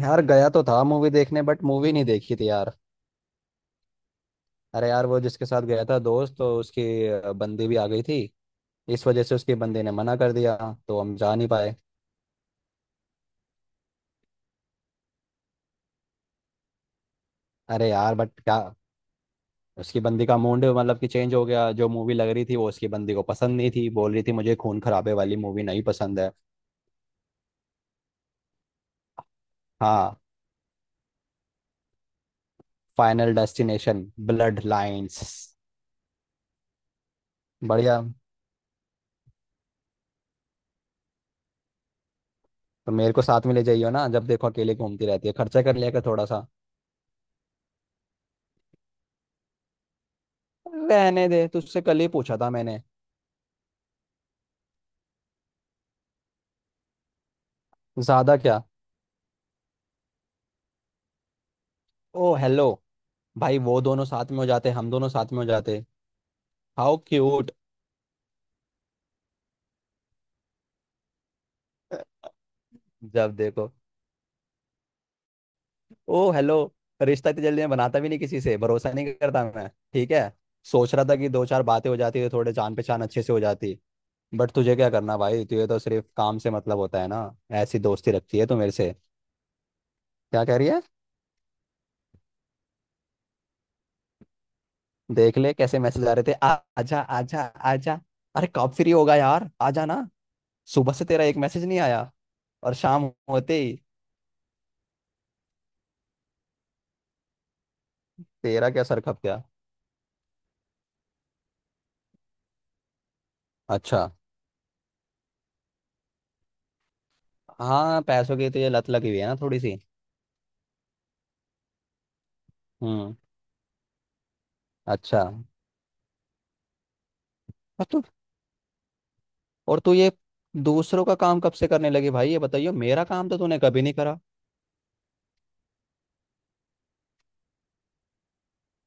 यार गया तो था मूवी देखने बट मूवी नहीं देखी थी यार। अरे यार वो जिसके साथ गया था दोस्त तो उसकी बंदी भी आ गई थी। इस वजह से उसकी बंदी ने मना कर दिया। तो हम जा नहीं पाए। अरे यार बट क्या। उसकी बंदी का मूड मतलब कि चेंज हो गया, जो मूवी लग रही थी वो उसकी बंदी को पसंद नहीं थी, बोल रही थी मुझे खून खराबे वाली मूवी नहीं पसंद है। हाँ। Final destination bloodlines. बढ़िया। तो मेरे को साथ में ले जाइयो ना, जब देखो अकेले घूमती रहती है, खर्चा कर लिया कर थोड़ा सा। रहने दे, तुझसे कल ही पूछा था मैंने। ज्यादा क्या। ओ हेलो। भाई वो दोनों साथ में हो जाते, हम दोनों साथ में हो जाते। How cute. जब देखो। ओ हेलो। रिश्ता इतनी जल्दी मैं बनाता भी नहीं, किसी से भरोसा नहीं करता मैं। ठीक है। सोच रहा था कि दो चार बातें हो जाती तो थोड़े जान पहचान अच्छे से हो जाती। बट तुझे क्या करना भाई, तुझे तो सिर्फ काम से मतलब होता है ना। ऐसी दोस्ती रखती है तू मेरे से। क्या कह रही है। देख ले कैसे मैसेज आ रहे थे, आ, आजा आजा आजा। अरे कब फ्री होगा यार, आजा ना। सुबह से तेरा एक मैसेज नहीं आया और शाम होते ही। तेरा क्या सर खप गया। अच्छा। हाँ, पैसों की तो ये लत लगी हुई है ना थोड़ी सी। हम्म। अच्छा। पर तू और तू ये दूसरों का काम कब से करने लगी भाई, ये बताइयो, मेरा काम तो तूने कभी नहीं करा।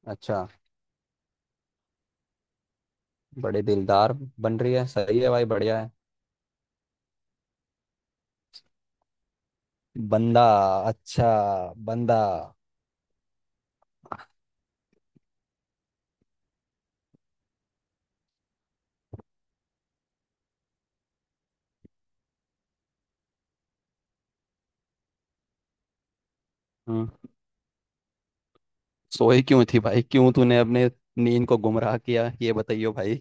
अच्छा। बड़े दिलदार बन रही है, सही है भाई, बढ़िया है। बंदा। अच्छा। बंदा। हम्म। सोई क्यों थी भाई, क्यों तूने अपने नींद को गुमराह किया, ये बताइयो भाई।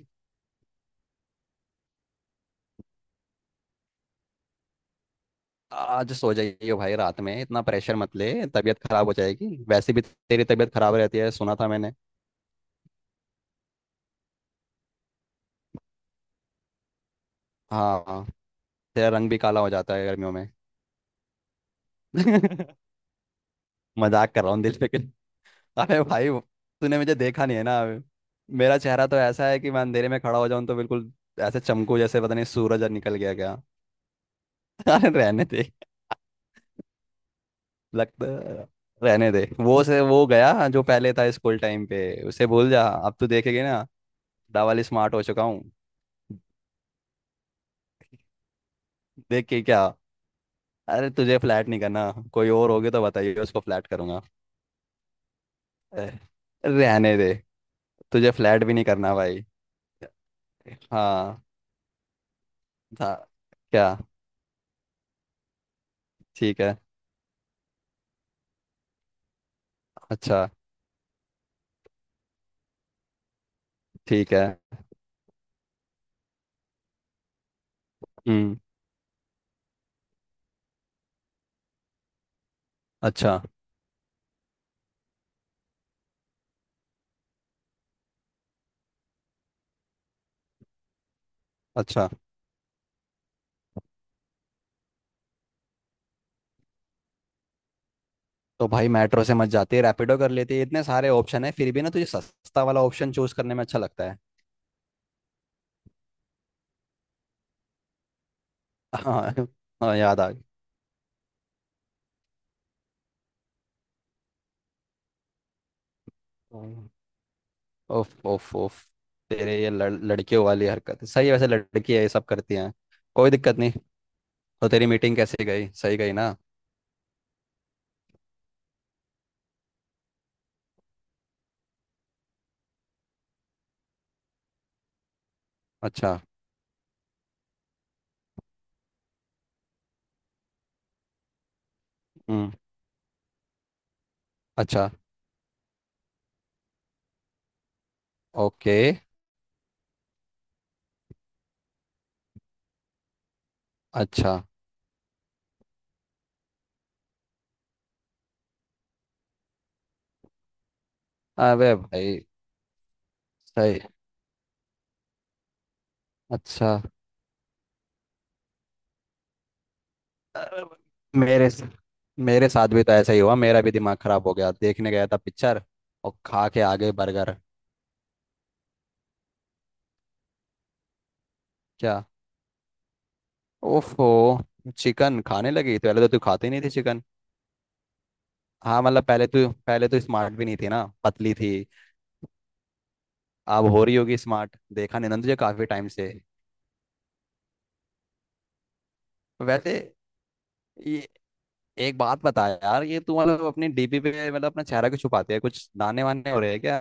आज सो जाइयो भाई, रात में इतना प्रेशर मत ले, तबीयत खराब हो जाएगी, वैसे भी तेरी तबीयत खराब रहती है सुना था मैंने। हाँ हाँ, तेरा रंग भी काला हो जाता है गर्मियों में। मजाक कर रहा हूँ दिल पे के अरे भाई वो- तूने मुझे देखा नहीं है ना अभी। मेरा चेहरा तो ऐसा है कि मैं अंधेरे में खड़ा हो जाऊं तो बिल्कुल ऐसे चमकू, जैसे पता नहीं सूरज निकल गया क्या। अरे रहने दे, लगता, रहने दे, वो से वो गया जो पहले था स्कूल टाइम पे, उसे भूल जा, अब तू देखेगी ना। डबल स्मार्ट हो चुका हूँ। देख के क्या। अरे तुझे फ्लैट नहीं करना, कोई और होगी तो बताइए, उसको फ्लैट करूंगा। अरे, रहने दे। तुझे फ्लैट भी नहीं करना भाई। हाँ। था क्या। ठीक है। अच्छा, ठीक है। हम्म, अच्छा अच्छा। तो भाई मेट्रो से मत जाती है, रैपिडो कर लेती है, इतने सारे ऑप्शन है, फिर भी ना तुझे सस्ता वाला ऑप्शन चूज करने में अच्छा लगता है। हाँ हाँ, याद आ गई। ओफ ओफ ओफ। तेरे ये लड़कियों वाली हरकत है। सही है वैसे, लड़की है ये सब करती हैं, कोई दिक्कत नहीं। तो तेरी मीटिंग कैसे गई, सही गई ना। अच्छा। हम्म। अच्छा। ओके। अच्छा। अबे भाई। सही। अच्छा। अरे, मेरे मेरे साथ भी तो ऐसा ही हुआ, मेरा भी दिमाग खराब हो गया, देखने गया था पिक्चर और खा के आ गए बर्गर। क्या। ओफो। चिकन खाने लगी, तो पहले तो तू खाती नहीं थी चिकन। हाँ, मतलब पहले तो स्मार्ट भी नहीं थी ना, पतली थी। अब हो रही होगी स्मार्ट, देखा नहीं ना तुझे काफी टाइम से। वैसे, ये एक बात बता यार, ये तू मतलब अपनी डीपी पे, मतलब अपना चेहरा क्यों छुपाती है, कुछ दाने वाने हो रहे हैं क्या।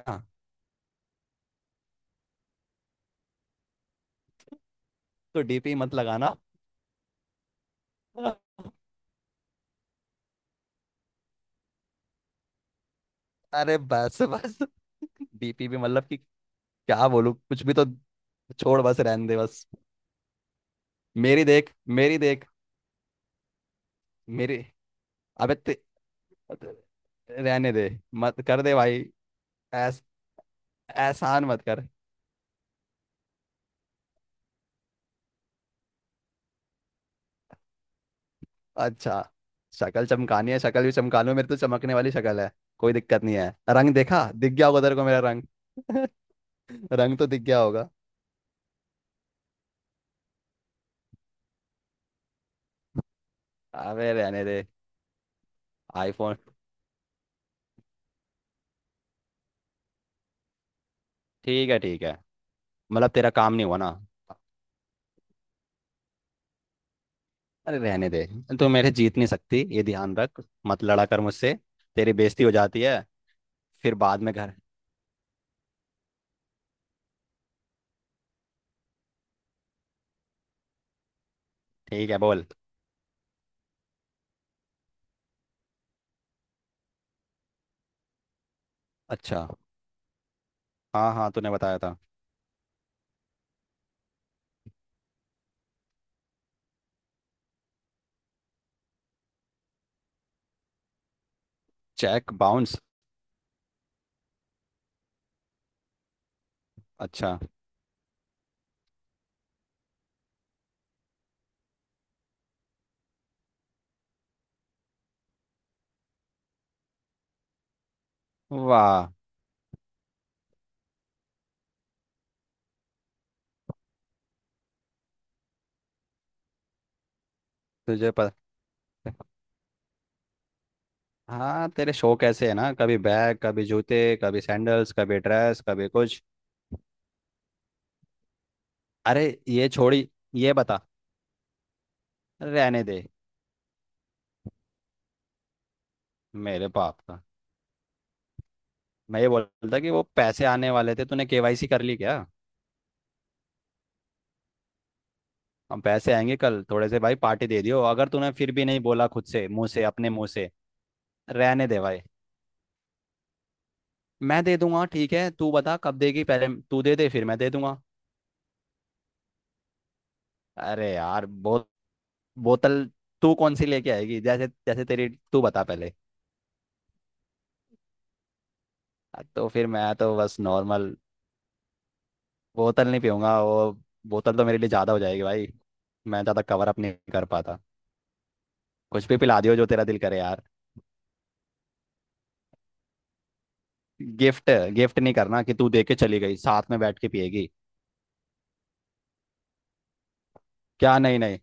तो डीपी मत लगाना। अरे बस बस, डीपी भी मतलब कि क्या बोलूं, कुछ भी तो। छोड़, बस रहने दे बस। मेरी देख, मेरी देख, मेरी अबे ते, रहने दे। मत कर दे भाई, ऐस एहसान मत कर। अच्छा, शक्ल चमकानी है, शक्ल भी चमका लो, मेरी तो चमकने वाली शक्ल है, कोई दिक्कत नहीं है, रंग देखा, दिख गया होगा तेरे को मेरा रंग। रंग तो दिख गया होगा। अबे रहने दे। आईफोन। ठीक है ठीक है। मतलब तेरा काम नहीं हुआ ना। अरे रहने दे, तू मेरे जीत नहीं सकती, ये ध्यान रख, मत लड़ा कर मुझसे, तेरी बेइज्जती हो जाती है। फिर बाद में घर। ठीक है, बोल। अच्छा, हाँ हाँ, तूने बताया था। Cheque bounce. अच्छा। वाह। तुझे पता, हाँ तेरे शौक ऐसे है ना, कभी बैग, कभी जूते, कभी सैंडल्स, कभी ड्रेस, कभी कुछ। अरे ये छोड़ी। ये बता, रहने दे मेरे बाप का। मैं ये बोल रहा था कि वो पैसे आने वाले थे, तूने केवाईसी कर ली क्या। हम, पैसे आएंगे कल थोड़े से भाई, पार्टी दे दियो, अगर तूने फिर भी नहीं बोला खुद से मुंह से, अपने मुंह से। रहने दे भाई। मैं दे दूंगा ठीक है, तू बता कब देगी, पहले तू दे दे, फिर मैं दे दूंगा। अरे यार बोतल तू कौन सी लेके आएगी, जैसे जैसे तेरी, तू बता पहले। तो फिर मैं तो बस नॉर्मल बोतल नहीं पीऊंगा वो, बोतल तो मेरे लिए ज्यादा हो जाएगी भाई। मैं ज्यादा कवर अप नहीं कर पाता, कुछ भी पिला दियो जो तेरा दिल करे यार। गिफ्ट, गिफ्ट नहीं करना कि तू दे के चली गई, साथ में बैठ के पिएगी। क्या, नहीं नहीं।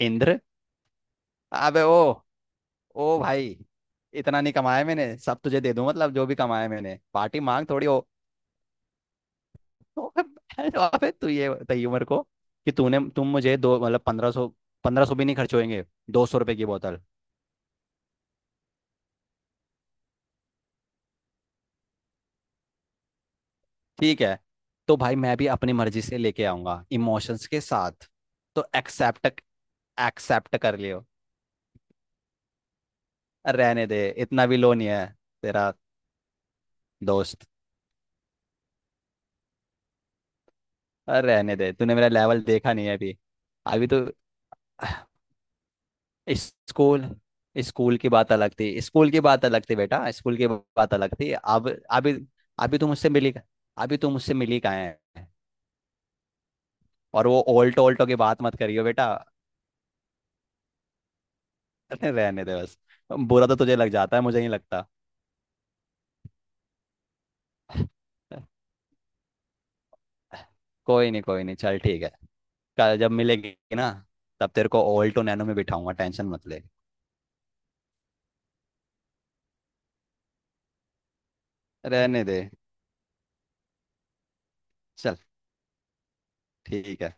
इंद्र। अबे ओ। ओ भाई। इतना नहीं कमाया मैंने सब तुझे दे दूं, मतलब जो भी कमाया मैंने, पार्टी मांग थोड़ी हो। अबे तू ये बताइए मेरे को, कि तूने तुम मुझे दो मतलब 1500, 1500 भी नहीं खर्च होएंगे, 200 रुपए की बोतल। ठीक है, तो भाई मैं भी अपनी मर्जी से लेके आऊंगा इमोशंस के साथ। तो एक्सेप्ट, एक्सेप्ट कर लियो। रहने दे, इतना भी लो नहीं है तेरा। दोस्त, रहने दे, तूने मेरा लेवल देखा नहीं है अभी। अभी तो। स्कूल, स्कूल की बात अलग थी, स्कूल की बात अलग थी बेटा, स्कूल की बात अलग थी अब, अभी अभी तुम मुझसे मिली, अभी तुम मुझसे मिली कहाँ है। और वो ऑल्टो, ऑल्टो की बात मत करियो बेटा। अरे रहने दे बस। बुरा तो तुझे लग जाता है, मुझे नहीं लगता। कोई नहीं कोई नहीं, चल ठीक है, कल जब मिलेगी ना, तब तेरे को ऑल्टो नैनो में बिठाऊंगा, टेंशन मत ले। रहने दे, चल ठीक है।